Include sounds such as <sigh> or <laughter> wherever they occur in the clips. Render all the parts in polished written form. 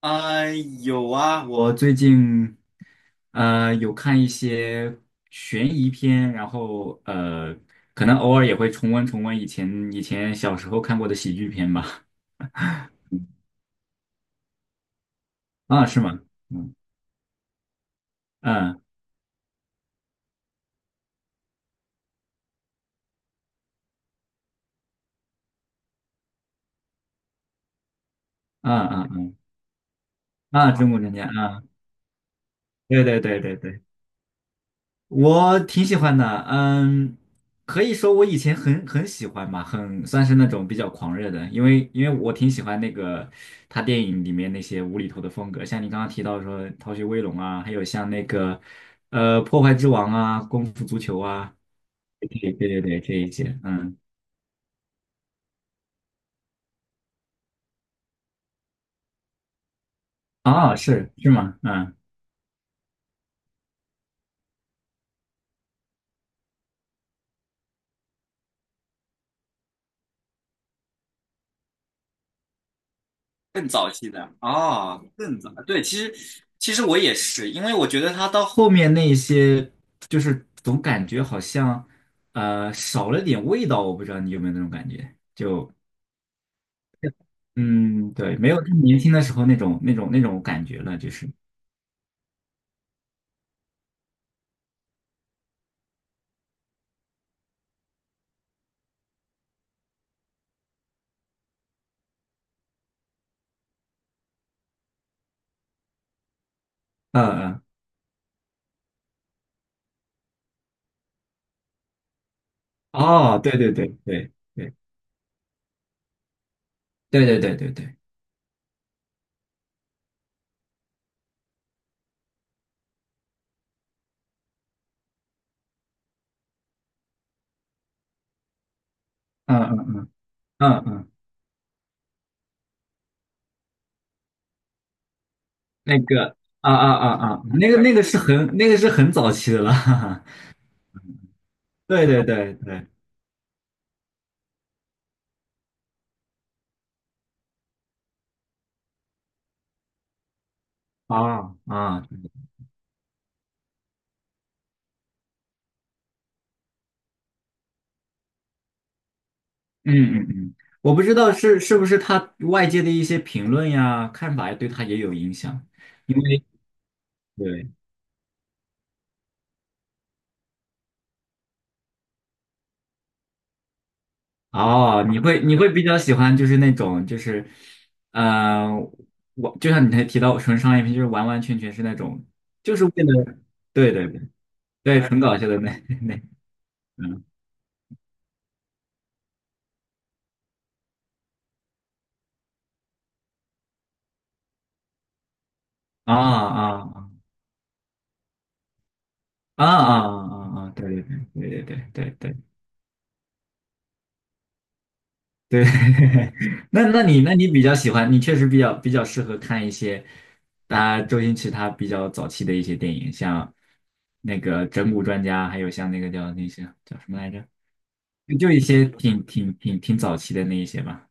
啊、有啊，我最近有看一些悬疑片，然后，可能偶尔也会重温重温以前小时候看过的喜剧片吧。<laughs> 啊，是吗？嗯嗯嗯嗯嗯啊，中国专家啊，对对对对对。我挺喜欢的，嗯，可以说我以前很喜欢吧，很算是那种比较狂热的，因为我挺喜欢那个他电影里面那些无厘头的风格，像你刚刚提到说《逃学威龙》啊，还有像那个《破坏之王》啊，《功夫足球》啊，对对对对，这一些，嗯，啊，是吗？嗯。更早期的啊，更早，对，其实我也是，因为我觉得他到后面那一些，就是总感觉好像少了点味道，我不知道你有没有那种感觉，就嗯，对，没有他年轻的时候那种感觉了，就是嗯嗯，哦，对对对对对对对对对对，嗯嗯嗯嗯，那个啊啊啊啊，那个那个是很那个是很早期的了，<laughs> 哈哈，对对对对，啊啊。嗯嗯嗯，我不知道是不是他外界的一些评论呀、看法呀，对他也有影响，因为对哦，你会比较喜欢就是那种就是，呃，我就像你才提到纯商业片，就是完完全全是那种就是为了对对对对纯搞笑的那 <laughs> 那嗯啊啊啊啊啊啊啊，对对对对对对对对。对，<laughs> 那你比较喜欢，你确实比较适合看一些，大家周星驰他比较早期的一些电影，像那个《整蛊专家》，还有像那个叫那些叫什么来着，就一些挺早期的那一些吧。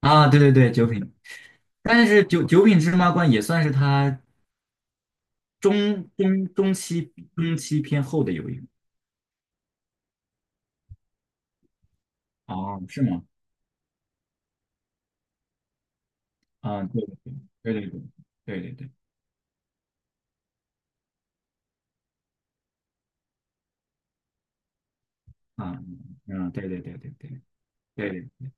啊，对对对，九品，但是九品芝麻官也算是他中期偏后的有一部。哦，是吗？啊，对对对对对对对对对，啊，嗯，对对对对对对。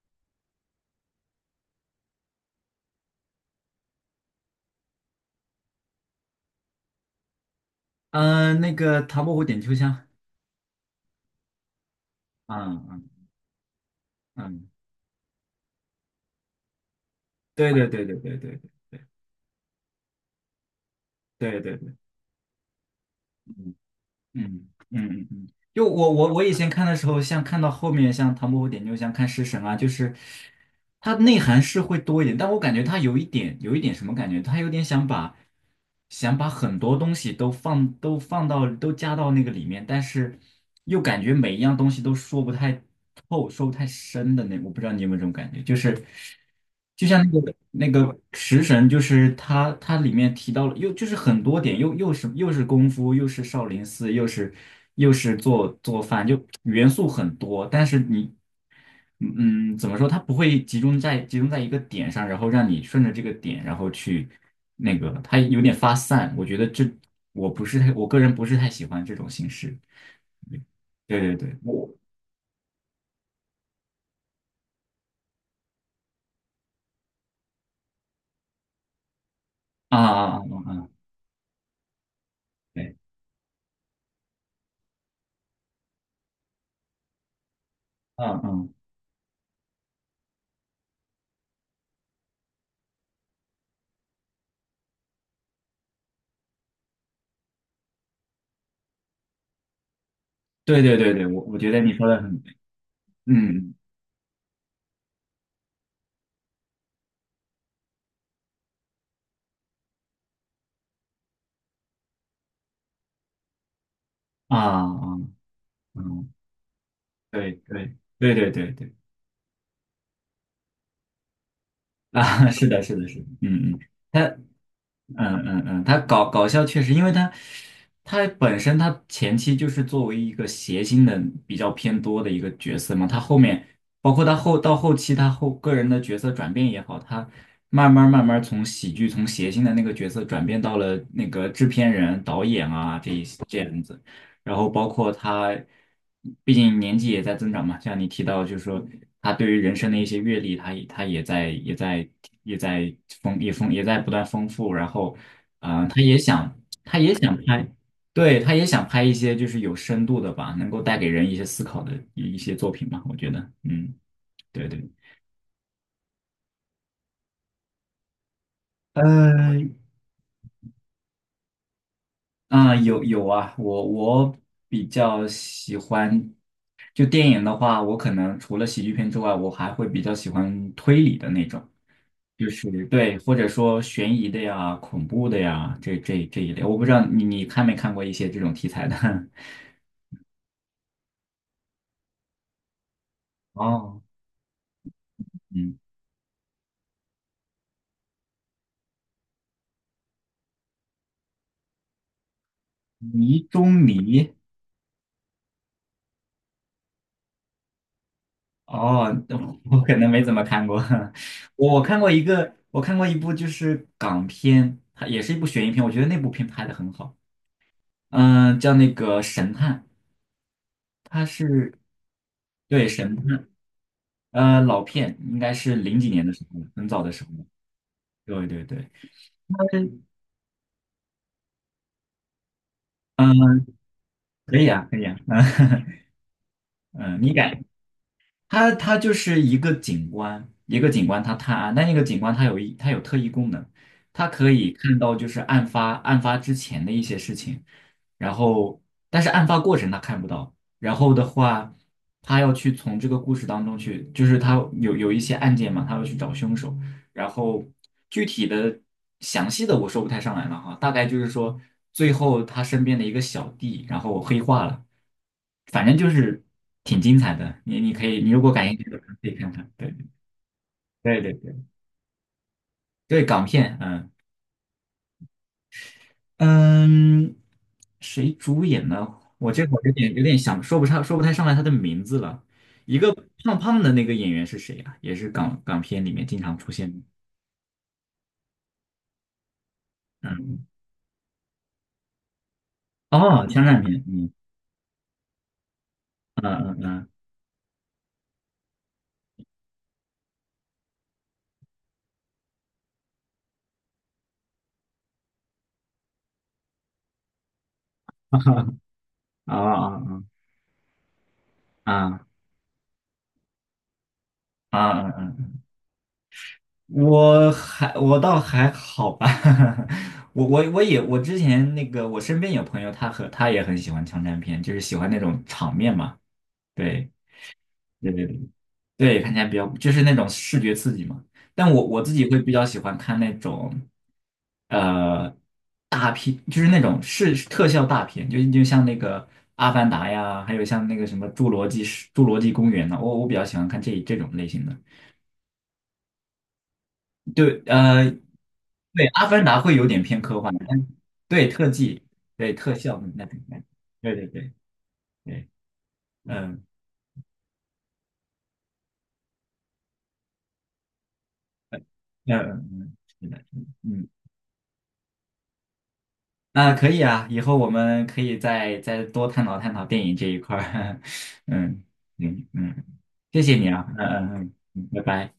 嗯、那个唐伯虎点秋香，嗯嗯嗯，对对对对对对对对对对，嗯嗯嗯嗯嗯，就我以前看的时候，像看到后面像唐伯虎点秋香、看食神啊，就是它内涵是会多一点，但我感觉它有一点什么感觉，它有点想把很多东西都加到那个里面，但是又感觉每一样东西都说不太透、说不太深的那，我不知道你有没有这种感觉，就是。就像那个食神，就是它里面提到了，又就是很多点，又是功夫，又是少林寺，又是做做饭，就元素很多。但是你，嗯，怎么说？它不会集中在一个点上，然后让你顺着这个点，然后去那个，它有点发散。我觉得这我不是太，我个人不是太喜欢这种形式。对对对，我啊啊啊啊啊，对，嗯嗯，对对对对，我觉得你说的很。嗯啊啊嗯，对对对对对对啊，<laughs> 是的，是的，是的，嗯嗯，他嗯嗯嗯，他搞笑确实，因为他本身他前期就是作为一个谐星的比较偏多的一个角色嘛，他后面包括他到后期个人的角色转变也好，他慢慢从喜剧从谐星的那个角色转变到了那个制片人、导演啊这样子。然后包括他，毕竟年纪也在增长嘛，像你提到，就是说他对于人生的一些阅历，他也他也在也在也在丰也丰也在不断丰富，然后，啊、他也想拍，对，他也想拍一些就是有深度的吧，能够带给人一些思考的一些作品嘛，我觉得，嗯，对对，呃，啊、有啊，我比较喜欢，就电影的话，我可能除了喜剧片之外，我还会比较喜欢推理的那种，就是对，或者说悬疑的呀、恐怖的呀，这一类。我不知道你看没看过一些这种题材的？<laughs> 哦，嗯，迷中迷，哦，我可能没怎么看过，<laughs> 我看过一个，我看过一部就是港片，它也是一部悬疑片，我觉得那部片拍的很好。嗯、叫那个神探，他是对神探，老片应该是零几年的时候，很早的时候对对对，嗯，可以啊，可以啊，<laughs> 嗯嗯它就是一个警官，一个警官他探案，但那个警官他有一它有特异功能，他可以看到就是案发之前的一些事情，然后但是案发过程他看不到，然后的话，他要去从这个故事当中去，就是他有一些案件嘛，他要去找凶手，然后具体的详细的我说不太上来了哈，大概就是说最后他身边的一个小弟，然后黑化了，反正就是挺精彩的。你可以，你如果感兴趣的话可以看看。对对对对，对港片，嗯嗯，谁主演呢？我这会儿有点想说不太上来他的名字了。一个胖胖的那个演员是谁啊？也是港片里面经常出现的。嗯，哦，枪战片，嗯嗯嗯嗯。啊啊啊啊啊！啊我倒还好吧，<laughs> 我之前那个我身边有朋友，他也很喜欢枪战片，就是喜欢那种场面嘛，对对对对，对，看起来比较就是那种视觉刺激嘛。但我自己会比较喜欢看那种呃大片，就是那种是特效大片，就像那个《阿凡达》呀，还有像那个什么《侏罗纪公园》呢，我比较喜欢看这种类型的。对，对，《阿凡达》会有点偏科幻，但对特技、对特效，那对，对对对对，嗯嗯嗯，嗯是的，嗯，那可以啊，以后我们可以再多探讨探讨电影这一块儿，<laughs> 嗯嗯嗯，谢谢你啊，嗯嗯嗯嗯，拜拜。